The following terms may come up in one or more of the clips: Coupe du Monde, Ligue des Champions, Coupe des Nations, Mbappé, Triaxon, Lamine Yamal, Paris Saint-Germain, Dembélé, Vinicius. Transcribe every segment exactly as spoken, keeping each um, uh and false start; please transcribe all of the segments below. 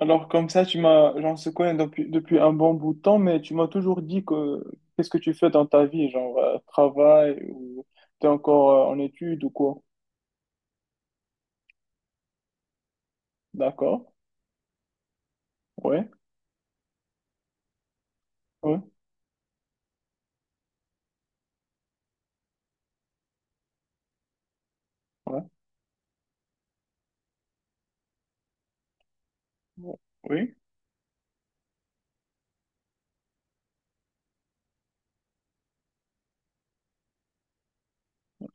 Alors comme ça, tu m'as, genre, se connaît depuis, depuis un bon bout de temps, mais tu m'as toujours dit que qu'est-ce que tu fais dans ta vie, genre euh, travail ou t'es encore euh, en études ou quoi? D'accord, ouais, ouais, ouais, ouais. Oui,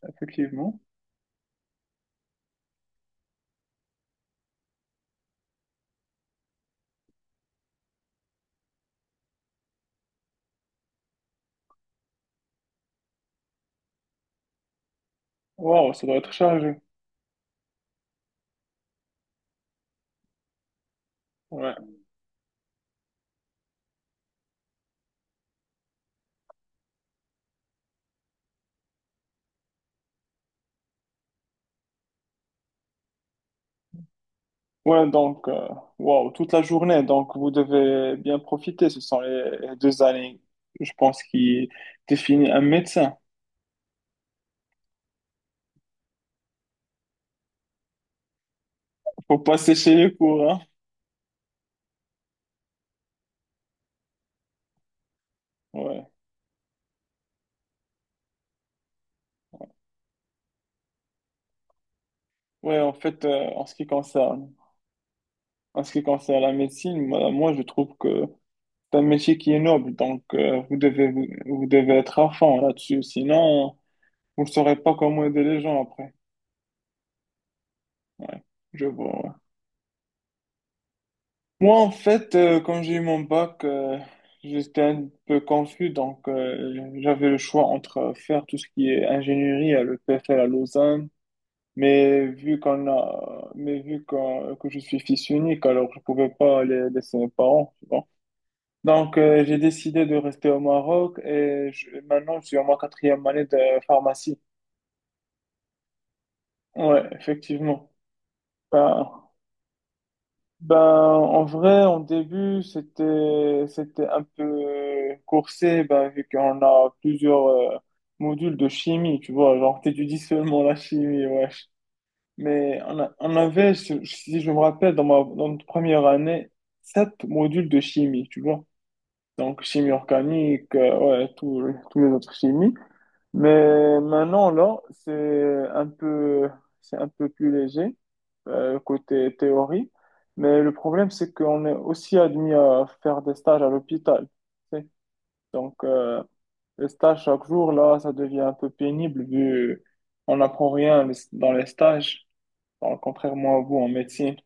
effectivement. Waouh, ça doit être chargé. Ouais, ouais, donc euh, waouh, toute la journée, donc vous devez bien profiter. Ce sont les, les deux années, je pense, qui définissent un médecin. Faut passer chez les cours, hein. Ouais, ouais, en fait, euh, en ce qui concerne. En ce qui concerne la médecine, moi, moi, je trouve que c'est un métier qui est noble, donc euh, vous devez, vous, vous devez être à fond là-dessus, sinon vous ne saurez pas comment aider les gens après. Ouais, je vois. Ouais. Moi, en fait, euh, quand j'ai eu mon bac, euh, j'étais un peu confus, donc euh, j'avais le choix entre euh, faire tout ce qui est ingénierie à l'E P F L à Lausanne, mais vu qu'on a, mais vu qu'on- que je suis fils unique, alors je pouvais pas aller laisser mes parents, tu vois. Donc, euh, j'ai décidé de rester au Maroc et je- maintenant, je suis en ma quatrième année de pharmacie. Ouais, effectivement. Ben, ben, en vrai, en début, c'était, c'était un peu coursé, ben, vu qu'on a plusieurs euh, modules de chimie, tu vois, genre, t'étudies seulement la chimie, wesh. Mais on a- on avait, si si je me rappelle, dans ma, dans notre première année, sept modules de chimie, tu vois. Donc, chimie organique, euh, ouais, tout- tous les autres chimies. Mais maintenant, là, c'est un peu, c'est un peu plus léger, euh, côté théorie. Mais le problème, c'est qu'on est aussi admis à faire des stages à l'hôpital. Tu sais. Donc, euh, les stages chaque jour, là, ça devient un peu pénible vu on n'apprend rien dans les stages, alors, contrairement à vous en médecine.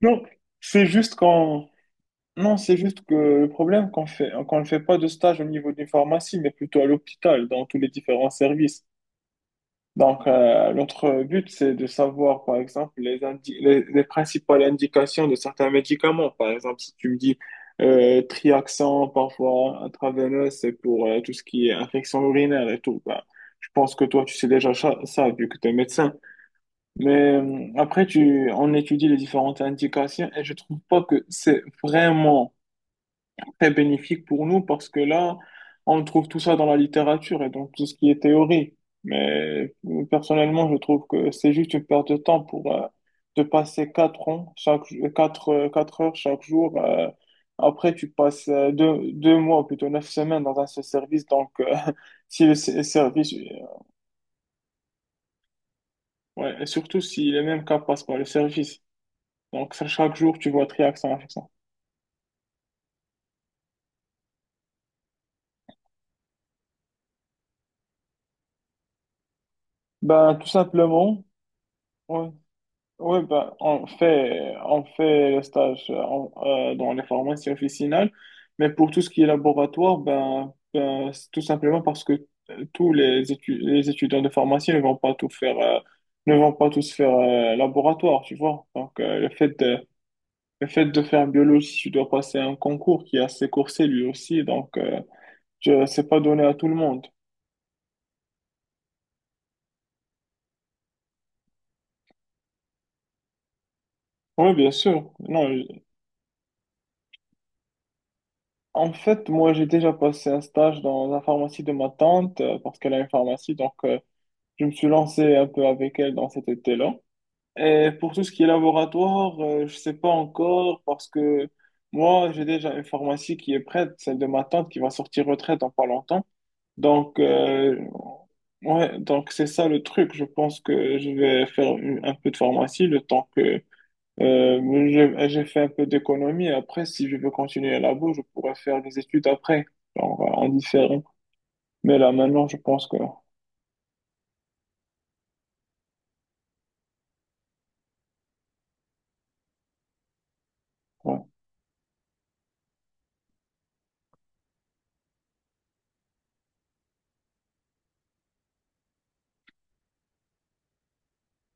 Non, c'est juste qu'on, non, c'est juste que le problème qu'on fait, qu'on ne fait pas de stage au niveau d'une pharmacie, mais plutôt à l'hôpital, dans tous les différents services. Donc, euh, notre but, c'est de savoir, par exemple, les, indi- les, les principales indications de certains médicaments. Par exemple, si tu me dis euh, Triaxon, parfois intraveineux c'est pour euh, tout ce qui est infection urinaire et tout. Ben, je pense que toi, tu sais déjà ça, ça, vu que tu es médecin. Mais euh, après, tu, on étudie les différentes indications et je trouve pas que c'est vraiment très bénéfique pour nous parce que là, on trouve tout ça dans la littérature et donc tout ce qui est théorie. Mais euh, personnellement, je trouve que c'est juste une perte de temps pour euh, de passer quatre ans, chaque, quatre, euh, quatre heures chaque jour. Euh, après, tu passes euh, deux, deux mois, plutôt neuf semaines dans un seul service. Donc, euh, si le s- service, euh, ouais, et surtout si les mêmes cas passent par le service. Donc, ça, chaque jour, tu vois triac ça. Ben, tout simplement. Oui, ben, on fait, on fait le stage euh, en- euh, dans les pharmacies officinales, mais pour tout ce qui est laboratoire, ben, ben, c'est tout simplement parce que euh, tous les, étu- les étudiants de pharmacie ne vont pas tout faire, euh, ne vont pas tous faire euh, laboratoire, tu vois. Donc, euh, le fait de, le fait de faire biologie, tu dois passer un concours qui est assez coursé lui aussi, donc euh, je- c'est pas donné à tout le monde. Oui, bien sûr. Non, en fait, moi, j'ai déjà passé un stage dans la pharmacie de ma tante euh, parce qu'elle a une pharmacie. Donc, euh, je me suis lancé un peu avec elle dans cet été-là. Et pour tout ce qui est laboratoire, euh, je sais pas encore parce que moi, j'ai déjà une pharmacie qui est prête, celle de ma tante qui va sortir retraite dans pas longtemps. Donc, euh, ouais, donc c'est ça le truc. Je pense que je vais faire une- un peu de pharmacie le temps que euh, je- j'ai fait un peu d'économie. Après, si je veux continuer à la bourse, je pourrais faire des études après, genre euh, en différé. Mais là, maintenant, je pense que... Ouais.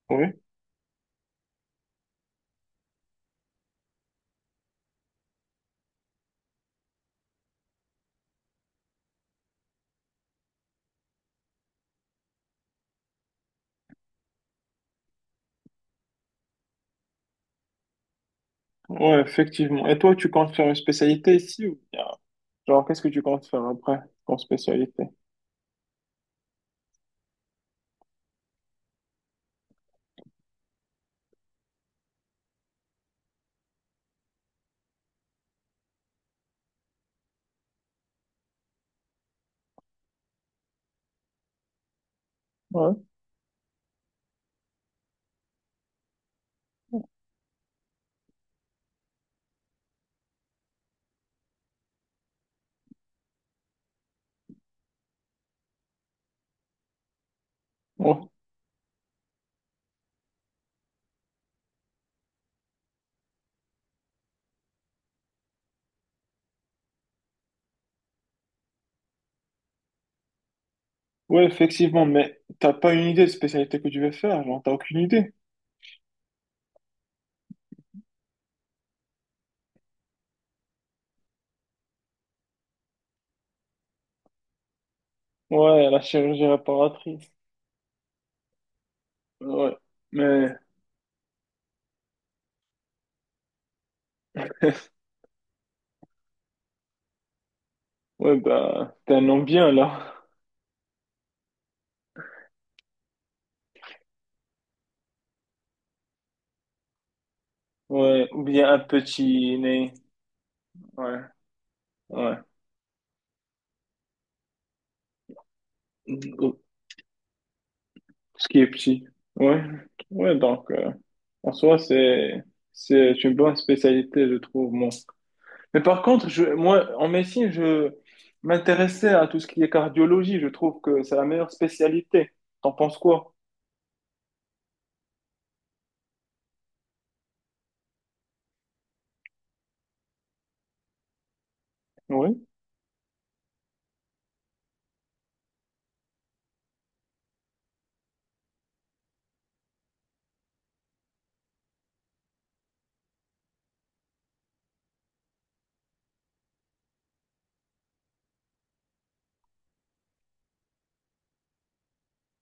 Oui, ouais, effectivement. Et toi, tu comptes faire une spécialité ici ou bien... Genre, qu'est-ce que tu comptes faire après comme spécialité? Ouais. Ouais. Ouais, effectivement, mais t'as pas une idée de spécialité que tu veux faire, genre, t'as aucune idée. Ouais, la chirurgie réparatrice. Ouais, mais, ouais, bah, t'as un nom bien, là. Ouais, ou bien un petit nez. Ouais, ouais. Ou- ce qui est petit. Ouais, ouais, donc, euh, en soi, c'est, c'est une bonne spécialité, je trouve, moi. Mais par contre, je, moi, en médecine, je m'intéressais à tout ce qui est cardiologie, je trouve que c'est la meilleure spécialité. T'en penses quoi? Oui,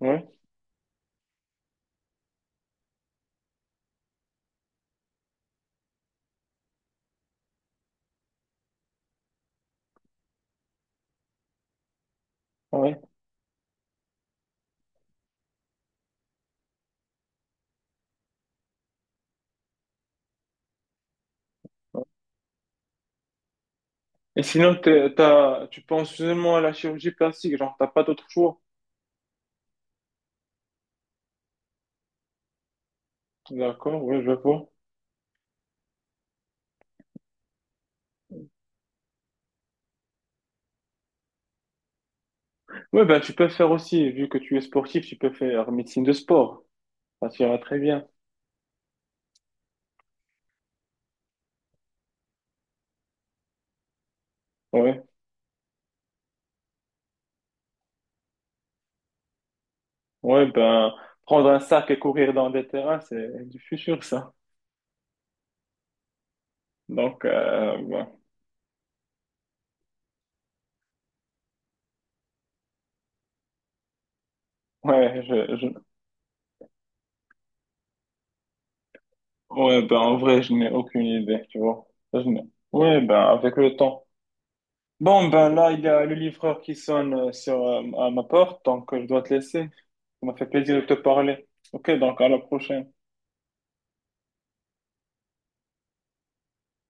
oui, oui. Oui. Et sinon, t'es- t'as, tu penses seulement à la chirurgie plastique, genre, t'as pas d'autre choix. D'accord, oui, je vois. Oui, ben, tu peux faire aussi, vu que tu es sportif, tu peux faire médecine de sport. Ça t'ira très bien. Oui, oui, ben, prendre un sac et courir dans des terrains, c'est du futur, ça. Donc, euh, ben, ouais, je, je, ouais, ben, en vrai, je n'ai aucune idée, tu vois. Je n'ai- ouais, ben, avec le temps. Bon, ben là, il y a le livreur qui sonne euh, sur euh, à ma porte, donc euh, je dois te laisser. Ça m'a fait plaisir de te parler. Ok, donc à la prochaine.